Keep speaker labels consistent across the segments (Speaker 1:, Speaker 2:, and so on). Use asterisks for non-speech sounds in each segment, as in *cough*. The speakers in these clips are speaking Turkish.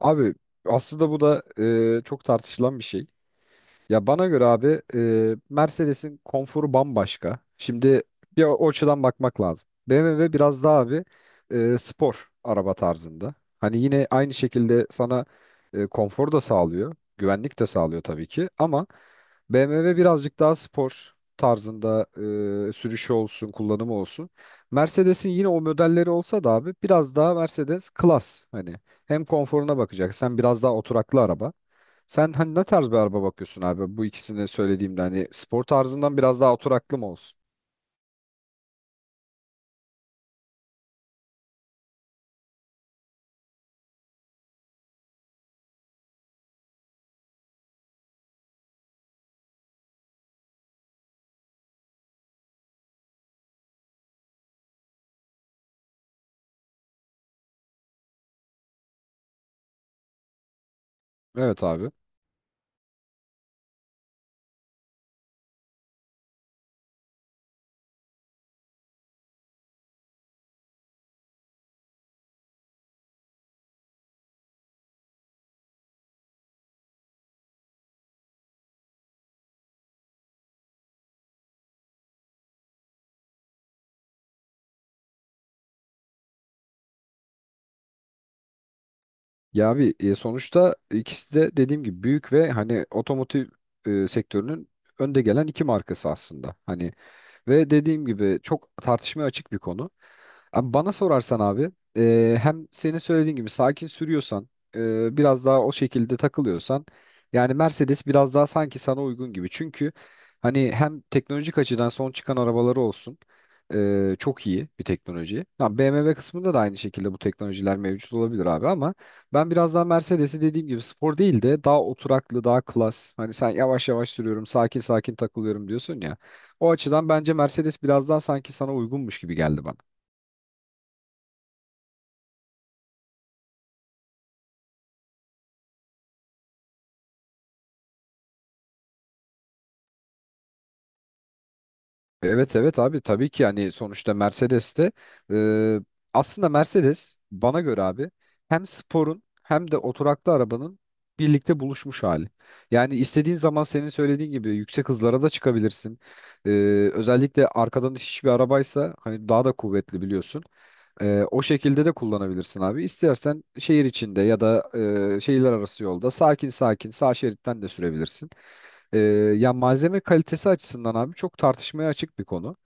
Speaker 1: Abi aslında bu da çok tartışılan bir şey. Ya bana göre abi Mercedes'in konforu bambaşka. Şimdi bir o açıdan bakmak lazım. BMW biraz daha abi spor araba tarzında. Hani yine aynı şekilde sana konfor da sağlıyor, güvenlik de sağlıyor tabii ki ama BMW birazcık daha spor tarzında sürüşü olsun, kullanımı olsun. Mercedes'in yine o modelleri olsa da abi biraz daha Mercedes klas. Hani hem konforuna bakacaksın, biraz daha oturaklı araba. Sen hani ne tarz bir araba bakıyorsun abi? Bu ikisini söylediğimde hani spor tarzından biraz daha oturaklı mı olsun? Evet abi. Ya abi sonuçta ikisi de dediğim gibi büyük ve hani otomotiv sektörünün önde gelen iki markası aslında. Hani ve dediğim gibi çok tartışmaya açık bir konu. Abi bana sorarsan abi hem senin söylediğin gibi sakin sürüyorsan biraz daha o şekilde takılıyorsan yani Mercedes biraz daha sanki sana uygun gibi. Çünkü hani hem teknolojik açıdan son çıkan arabaları olsun çok iyi bir teknoloji. Ha, BMW kısmında da aynı şekilde bu teknolojiler mevcut olabilir abi ama ben biraz daha Mercedes'i dediğim gibi spor değil de daha oturaklı daha klas. Hani sen yavaş yavaş sürüyorum sakin sakin takılıyorum diyorsun ya. O açıdan bence Mercedes biraz daha sanki sana uygunmuş gibi geldi bana. Evet evet abi tabii ki yani sonuçta Mercedes'te e, aslında Mercedes bana göre abi hem sporun hem de oturaklı arabanın birlikte buluşmuş hali. Yani istediğin zaman senin söylediğin gibi yüksek hızlara da çıkabilirsin. E, Özellikle arkadan hiçbir arabaysa hani daha da kuvvetli biliyorsun. O şekilde de kullanabilirsin abi. İstersen şehir içinde ya da şehirler arası yolda sakin sakin sağ şeritten de sürebilirsin. Ee, Ya malzeme kalitesi açısından abi çok tartışmaya açık bir konu.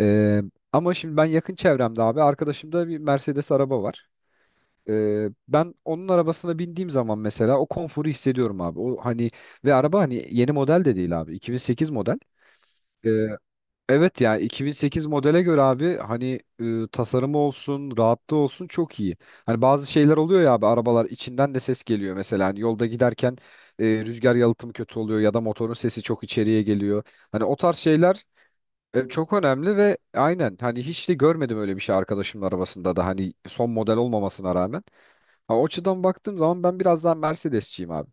Speaker 1: Ee, Ama şimdi ben yakın çevremde abi arkadaşımda bir Mercedes araba var. Ben onun arabasına bindiğim zaman mesela o konforu hissediyorum abi. O hani ve araba hani yeni model de değil abi. 2008 model. Evet yani 2008 modele göre abi hani tasarımı olsun, rahatlığı olsun çok iyi. Hani bazı şeyler oluyor ya abi arabalar içinden de ses geliyor mesela. Hani yolda giderken rüzgar yalıtımı kötü oluyor ya da motorun sesi çok içeriye geliyor. Hani o tarz şeyler çok önemli ve aynen hani hiç de görmedim öyle bir şey arkadaşımın arabasında da hani son model olmamasına rağmen. Ha, o açıdan baktığım zaman ben biraz daha Mercedesçiyim abi.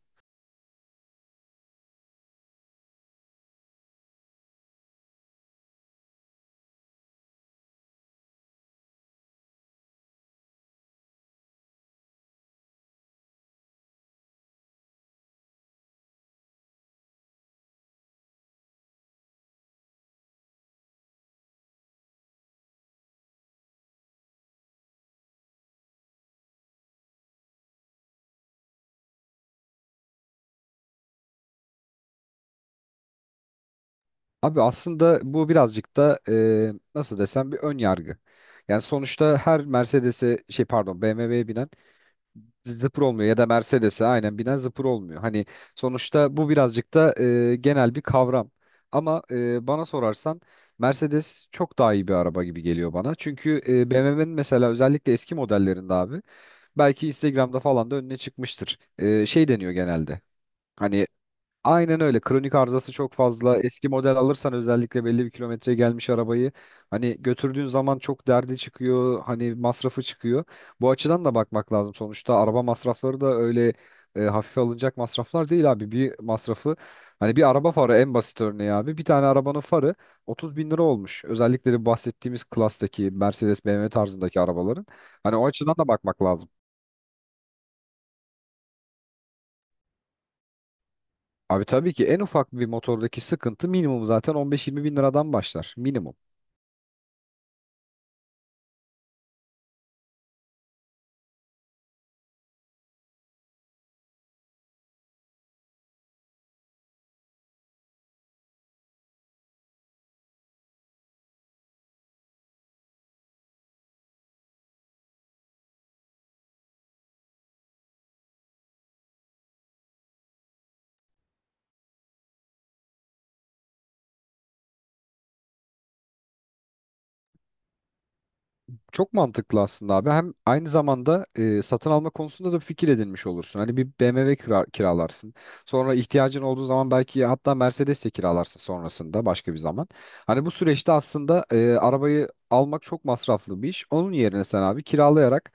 Speaker 1: Abi aslında bu birazcık da nasıl desem bir ön yargı. Yani sonuçta her Mercedes'e şey pardon BMW'ye binen zıpır olmuyor ya da Mercedes'e aynen binen zıpır olmuyor. Hani sonuçta bu birazcık da genel bir kavram. Ama bana sorarsan Mercedes çok daha iyi bir araba gibi geliyor bana. Çünkü BMW'nin mesela özellikle eski modellerinde abi belki Instagram'da falan da önüne çıkmıştır. Şey deniyor genelde. Hani aynen öyle. Kronik arızası çok fazla. Eski model alırsan özellikle belli bir kilometreye gelmiş arabayı hani götürdüğün zaman çok derdi çıkıyor. Hani masrafı çıkıyor. Bu açıdan da bakmak lazım sonuçta. Araba masrafları da öyle hafife alınacak masraflar değil abi. Bir masrafı hani bir araba farı en basit örneği abi. Bir tane arabanın farı 30 bin lira olmuş. Özellikle de bahsettiğimiz klastaki Mercedes BMW tarzındaki arabaların. Hani o açıdan da bakmak lazım. Abi tabii ki en ufak bir motordaki sıkıntı minimum zaten 15-20 bin liradan başlar. Minimum. Çok mantıklı aslında abi. Hem aynı zamanda satın alma konusunda da bir fikir edinmiş olursun. Hani bir BMW kiralarsın. Sonra ihtiyacın olduğu zaman belki hatta Mercedes de kiralarsın sonrasında başka bir zaman. Hani bu süreçte aslında arabayı almak çok masraflı bir iş. Onun yerine sen abi kiralayarak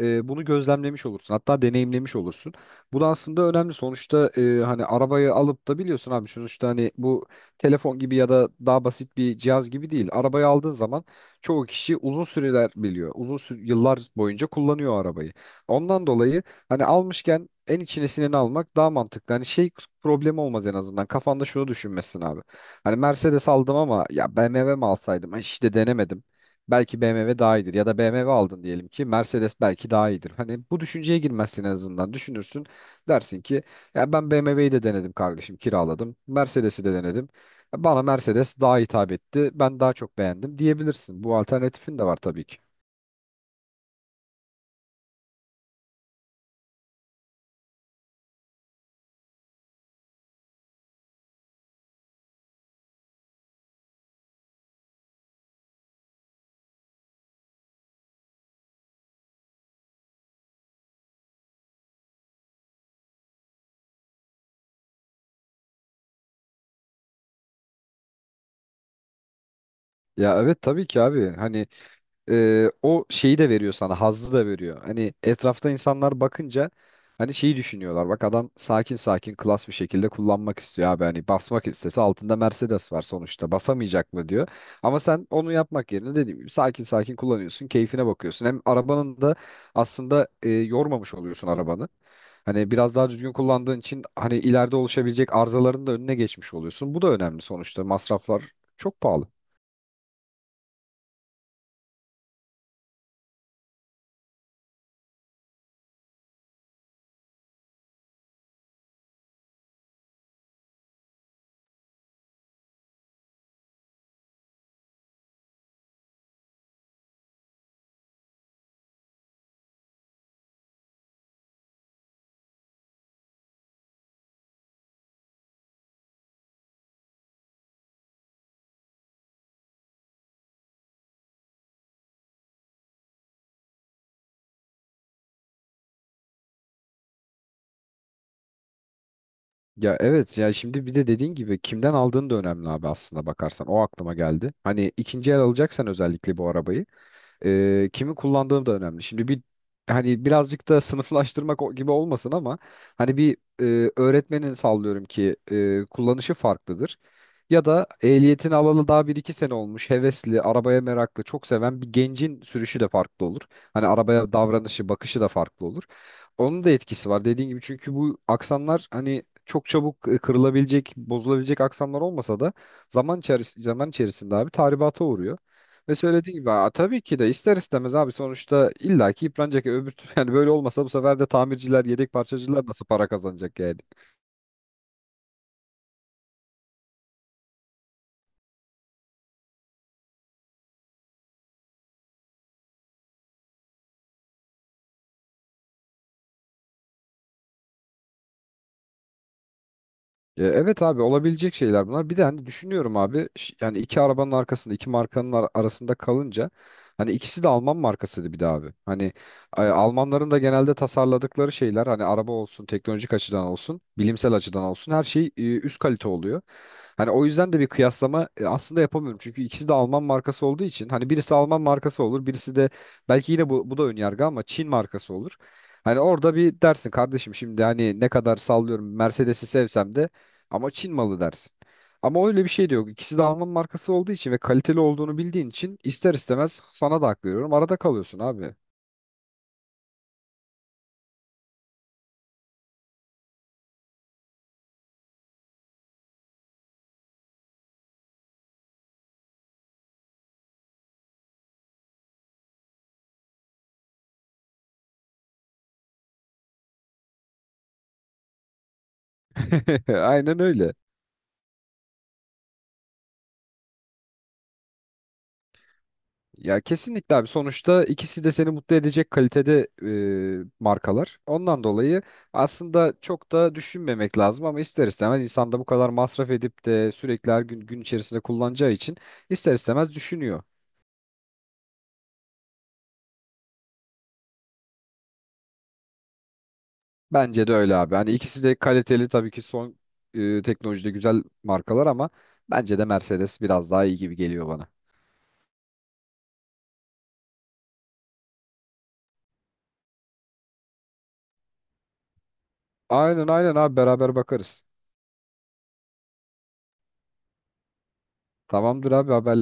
Speaker 1: bunu gözlemlemiş olursun. Hatta deneyimlemiş olursun. Bu da aslında önemli. Sonuçta hani arabayı alıp da biliyorsun abi sonuçta hani bu telefon gibi ya da daha basit bir cihaz gibi değil. Arabayı aldığın zaman çoğu kişi uzun süreler biliyor. Uzun yıllar boyunca kullanıyor arabayı. Ondan dolayı hani almışken en içine sineni almak daha mantıklı. Hani şey problemi olmaz en azından. Kafanda şunu düşünmesin abi. Hani Mercedes aldım ama ya BMW mi alsaydım? Ay, İşte denemedim. Belki BMW daha iyidir ya da BMW aldın diyelim ki Mercedes belki daha iyidir. Hani bu düşünceye girmezsin en azından. Düşünürsün dersin ki ya ben BMW'yi de denedim kardeşim kiraladım. Mercedes'i de denedim. Bana Mercedes daha hitap etti. Ben daha çok beğendim diyebilirsin. Bu alternatifin de var tabii ki. Ya evet tabii ki abi. Hani o şeyi de veriyor sana, hazzı da veriyor. Hani etrafta insanlar bakınca hani şeyi düşünüyorlar. Bak adam sakin sakin klas bir şekilde kullanmak istiyor abi. Hani basmak istese altında Mercedes var sonuçta. Basamayacak mı diyor. Ama sen onu yapmak yerine dediğim gibi sakin sakin kullanıyorsun, keyfine bakıyorsun. Hem arabanın da aslında yormamış oluyorsun arabanı. Hani biraz daha düzgün kullandığın için hani ileride oluşabilecek arızaların da önüne geçmiş oluyorsun. Bu da önemli sonuçta. Masraflar çok pahalı. Ya evet ya şimdi bir de dediğin gibi kimden aldığın da önemli abi aslında bakarsan. O aklıma geldi. Hani ikinci el alacaksan özellikle bu arabayı kimi kullandığım da önemli. Şimdi bir hani birazcık da sınıflaştırmak gibi olmasın ama hani bir öğretmenin sallıyorum ki kullanışı farklıdır. Ya da ehliyetini alalı daha bir iki sene olmuş, hevesli, arabaya meraklı, çok seven bir gencin sürüşü de farklı olur. Hani arabaya davranışı, bakışı da farklı olur. Onun da etkisi var dediğin gibi çünkü bu aksanlar hani çok çabuk kırılabilecek, bozulabilecek aksanlar olmasa da zaman içerisinde abi tahribata uğruyor. Ve söylediğin gibi "Aa, tabii ki de ister istemez abi sonuçta illaki yıpranacak. Öbür *laughs* yani böyle olmasa bu sefer de tamirciler, yedek parçacılar nasıl para kazanacak yani? Evet abi olabilecek şeyler bunlar. Bir de hani düşünüyorum abi yani iki arabanın arkasında iki markanın arasında kalınca hani ikisi de Alman markasıydı bir de abi. Hani Almanların da genelde tasarladıkları şeyler hani araba olsun teknolojik açıdan olsun bilimsel açıdan olsun her şey üst kalite oluyor. Hani o yüzden de bir kıyaslama aslında yapamıyorum. Çünkü ikisi de Alman markası olduğu için hani birisi Alman markası olur birisi de belki yine bu da önyargı ama Çin markası olur. Hani orada bir dersin kardeşim şimdi hani ne kadar sallıyorum Mercedes'i sevsem de ama Çin malı dersin. Ama öyle bir şey de yok. İkisi de Alman markası olduğu için ve kaliteli olduğunu bildiğin için ister istemez sana da hak veriyorum. Arada kalıyorsun abi. *laughs* Aynen öyle. Ya kesinlikle abi sonuçta ikisi de seni mutlu edecek kalitede markalar. Ondan dolayı aslında çok da düşünmemek lazım ama ister istemez insan da bu kadar masraf edip de sürekli her gün gün içerisinde kullanacağı için ister istemez düşünüyor. Bence de öyle abi. Hani ikisi de kaliteli tabii ki son teknolojide güzel markalar ama bence de Mercedes biraz daha iyi gibi geliyor bana. Aynen aynen abi beraber bakarız. Tamamdır abi haber.